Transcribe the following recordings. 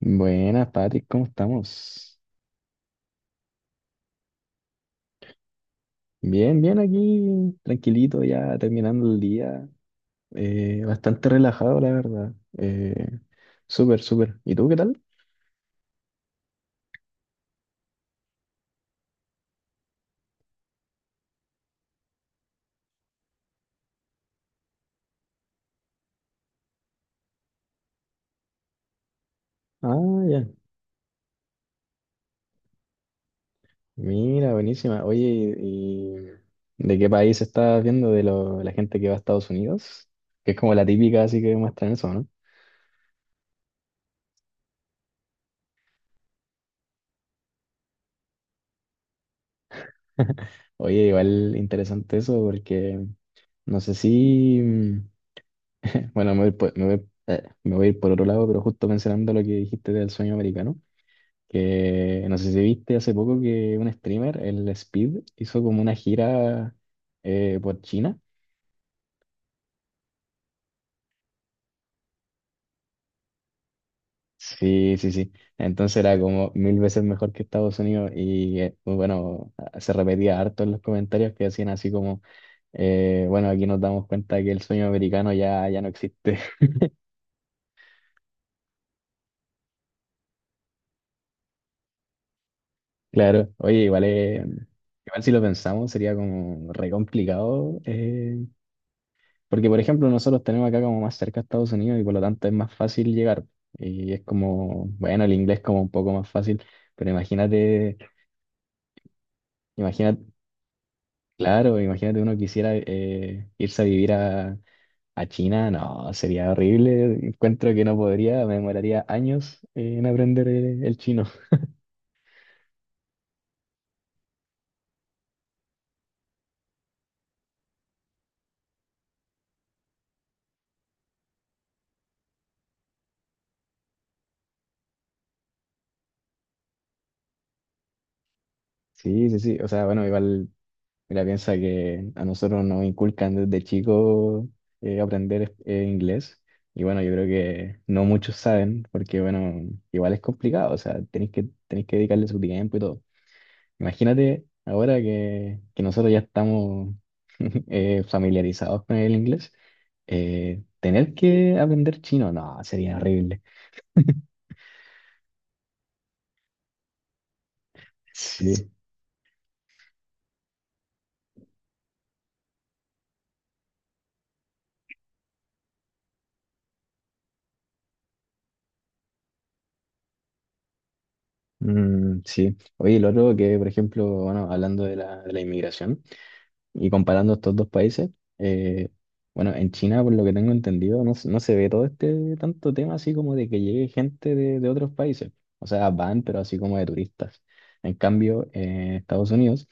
Buenas, Patrick, ¿cómo estamos? Bien, bien aquí, tranquilito ya, terminando el día. Bastante relajado, la verdad. Súper, súper. ¿Y tú qué tal? Ah, ya. Mira, buenísima. Oye, ¿y de qué país estás viendo? ¿De la gente que va a Estados Unidos? Que es como la típica, así que muestran eso, ¿no? Oye, igual interesante eso porque no sé si... bueno, me voy a ir por otro lado, pero justo mencionando lo que dijiste del sueño americano. Que no sé si viste hace poco que un streamer, el Speed, hizo como una gira por China. Sí, sí, sí. Entonces era como mil veces mejor que Estados Unidos y pues bueno, se repetía harto en los comentarios que hacían así como, bueno, aquí nos damos cuenta que el sueño americano ya no existe. Claro, oye, igual, igual si lo pensamos sería como re complicado porque, por ejemplo, nosotros tenemos acá como más cerca a Estados Unidos y por lo tanto es más fácil llegar. Y es como, bueno, el inglés como un poco más fácil, pero imagínate, imagínate, claro, imagínate uno quisiera irse a vivir a China, no, sería horrible. Encuentro que no podría, me demoraría años en aprender el chino. Sí, sí, sí, o sea, bueno, igual mira, piensa que a nosotros nos inculcan desde chicos aprender inglés. Y bueno, yo creo que no muchos saben, porque bueno, igual es complicado, o sea, tenéis que dedicarle su tiempo y todo. Imagínate ahora que nosotros ya estamos familiarizados con el inglés, tener que aprender chino, no, sería horrible. Sí. Mm, sí. Oye, lo otro que, por ejemplo, bueno, hablando de de la inmigración. Y comparando estos dos países, eh, bueno, en China, por lo que tengo entendido, no, no se ve todo este tanto tema así como de que llegue gente de otros países. O sea, van, pero así como de turistas. En cambio, en Estados Unidos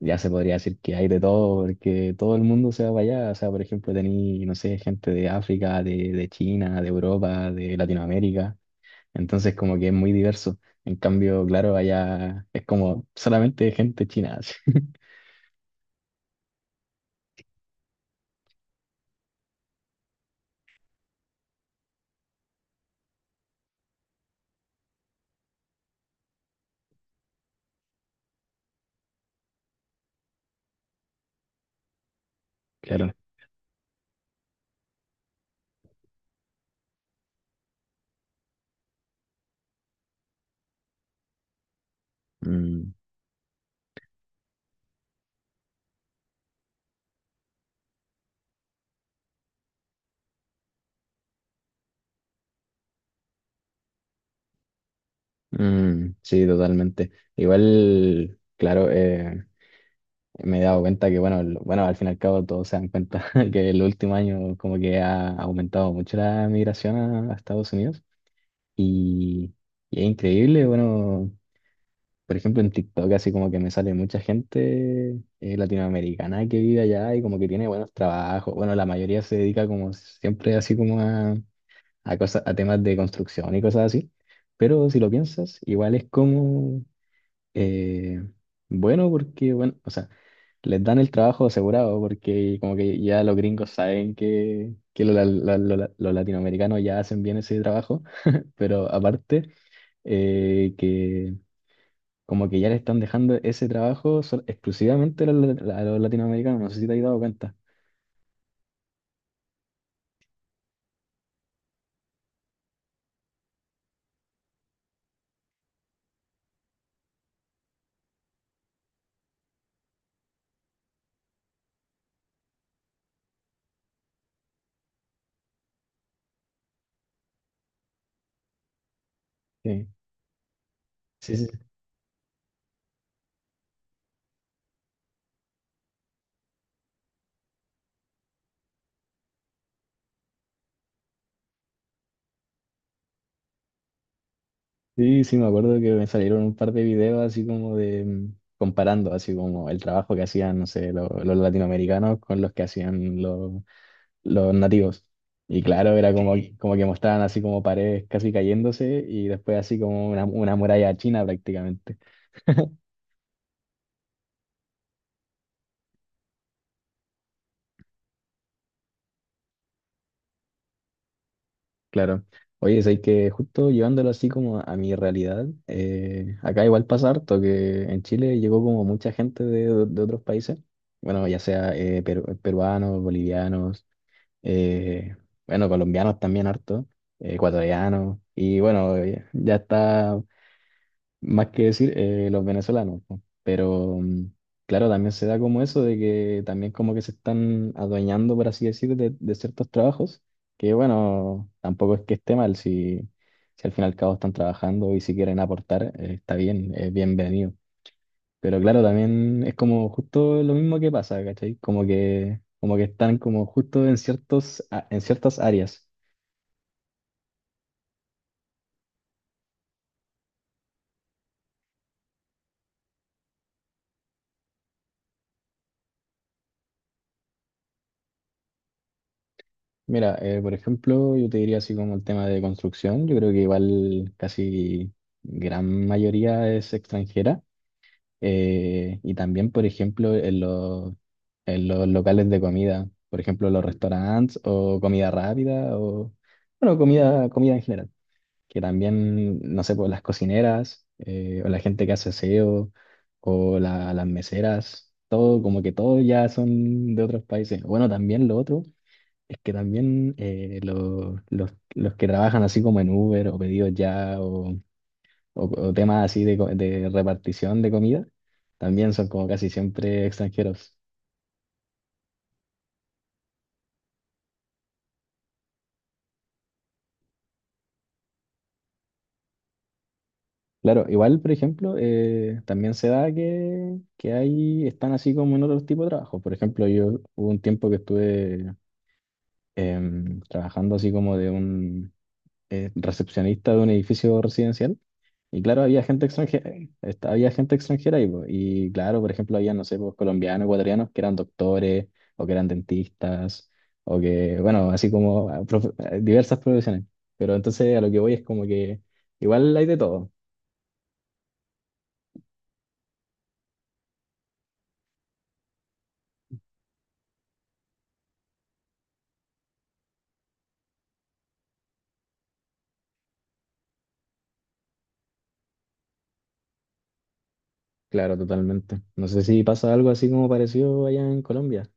ya se podría decir que hay de todo, porque todo el mundo se va para allá. O sea, por ejemplo, tení, no sé, gente de África, de China, de Europa, de Latinoamérica. Entonces, como que es muy diverso. En cambio, claro, allá es como solamente gente china. Así. Claro. Mm. Mm, sí, totalmente. Igual, claro, me he dado cuenta que, bueno, bueno, al fin y al cabo todos se dan cuenta que el último año como que ha aumentado mucho la migración a Estados Unidos y, y es increíble, bueno, por ejemplo en TikTok así como que me sale mucha gente latinoamericana que vive allá y como que tiene buenos trabajos. Bueno, la mayoría se dedica como siempre así como a cosas, a temas de construcción y cosas así. Pero si lo piensas, igual es como eh, bueno, porque, bueno, o sea, les dan el trabajo asegurado, porque como que ya los gringos saben que los, los latinoamericanos ya hacen bien ese trabajo, pero aparte, que como que ya le están dejando ese trabajo exclusivamente a los latinoamericanos, no sé si te has dado cuenta. Sí, sí, sí, sí, sí, me acuerdo que me salieron un par de videos así como de... comparando así como el trabajo que hacían, no sé, los latinoamericanos con los que hacían los nativos. Y claro, era como, como que mostraban así como paredes casi cayéndose y después así como una muralla china prácticamente. Claro. Oye, es que justo llevándolo así como a mi realidad, acá igual pasa harto que en Chile llegó como mucha gente de otros países, bueno, ya sea peruanos, bolivianos, eh, bueno, colombianos también harto, ecuatorianos, y bueno, ya está más que decir los venezolanos, po. Pero claro, también se da como eso de que también como que se están adueñando, por así decir, de ciertos trabajos, que bueno, tampoco es que esté mal, si, si al fin y al cabo están trabajando y si quieren aportar, está bien, es bienvenido. Pero claro, también es como justo lo mismo que pasa, ¿cachai? Como que están como justo en ciertos, en ciertas áreas. Mira, por ejemplo, yo te diría así como el tema de construcción, yo creo que igual casi gran mayoría es extranjera y también, por ejemplo, en los locales de comida, por ejemplo, los restaurantes o comida rápida o, bueno, comida, comida en general, que también, no sé, pues las cocineras o la gente que hace aseo o las meseras, todo, como que todo ya son de otros países. Bueno, también lo otro es que también los que trabajan así como en Uber o pedidos ya o, o temas así de, de repartición de comida, también son como casi siempre extranjeros. Claro, igual, por ejemplo, también se da que ahí están así como en otro tipo de trabajo. Por ejemplo, yo hubo un tiempo que estuve trabajando así como de un recepcionista de un edificio residencial. Y claro, había gente extranjera ahí, po. Y claro, por ejemplo, había, no sé, pues, colombianos, ecuatorianos que eran doctores o que eran dentistas o que, bueno, así como ah, ah, diversas profesiones. Pero entonces a lo que voy es como que igual hay de todo. Claro, totalmente. No sé si pasa algo así como parecido allá en Colombia.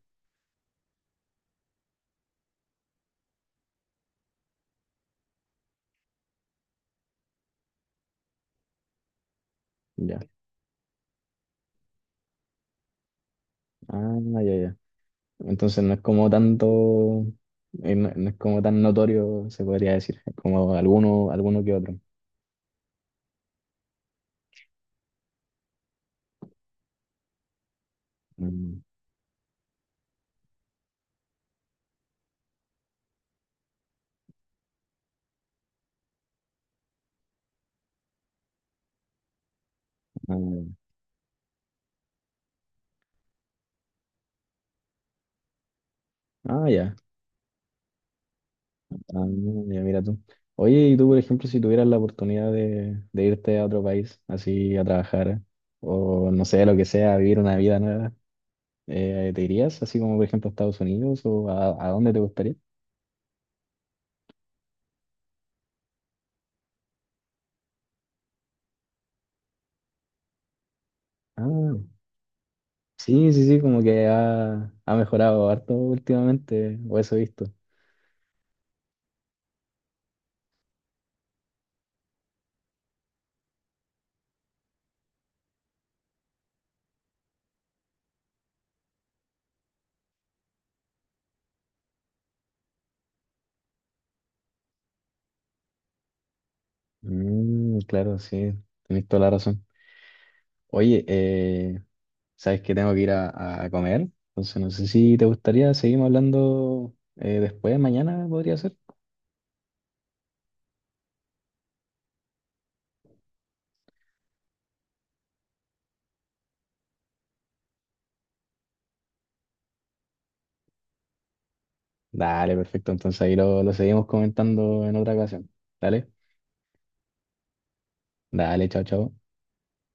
Ya. Ah, ya, ya. Entonces no es como tanto, no, no es como tan notorio, se podría decir, es como alguno, alguno que otro. Mm, ah, ya. Ah, ya. Ah, ya mira tú. Oye, y tú, por ejemplo, si tuvieras la oportunidad de irte a otro país, así a trabajar, o no sé, lo que sea, a vivir una vida nueva, ¿te irías así como, por ejemplo, a Estados Unidos o a dónde te gustaría? Ah, sí, sí, sí, como que ha mejorado harto últimamente, o eso he visto. Mm, claro, sí, tenés toda la razón. Oye, sabes que tengo que ir a comer, entonces no sé si te gustaría, seguimos hablando después, mañana podría ser. Dale, perfecto. Entonces ahí lo seguimos comentando en otra ocasión. Dale, dale, chao, chao.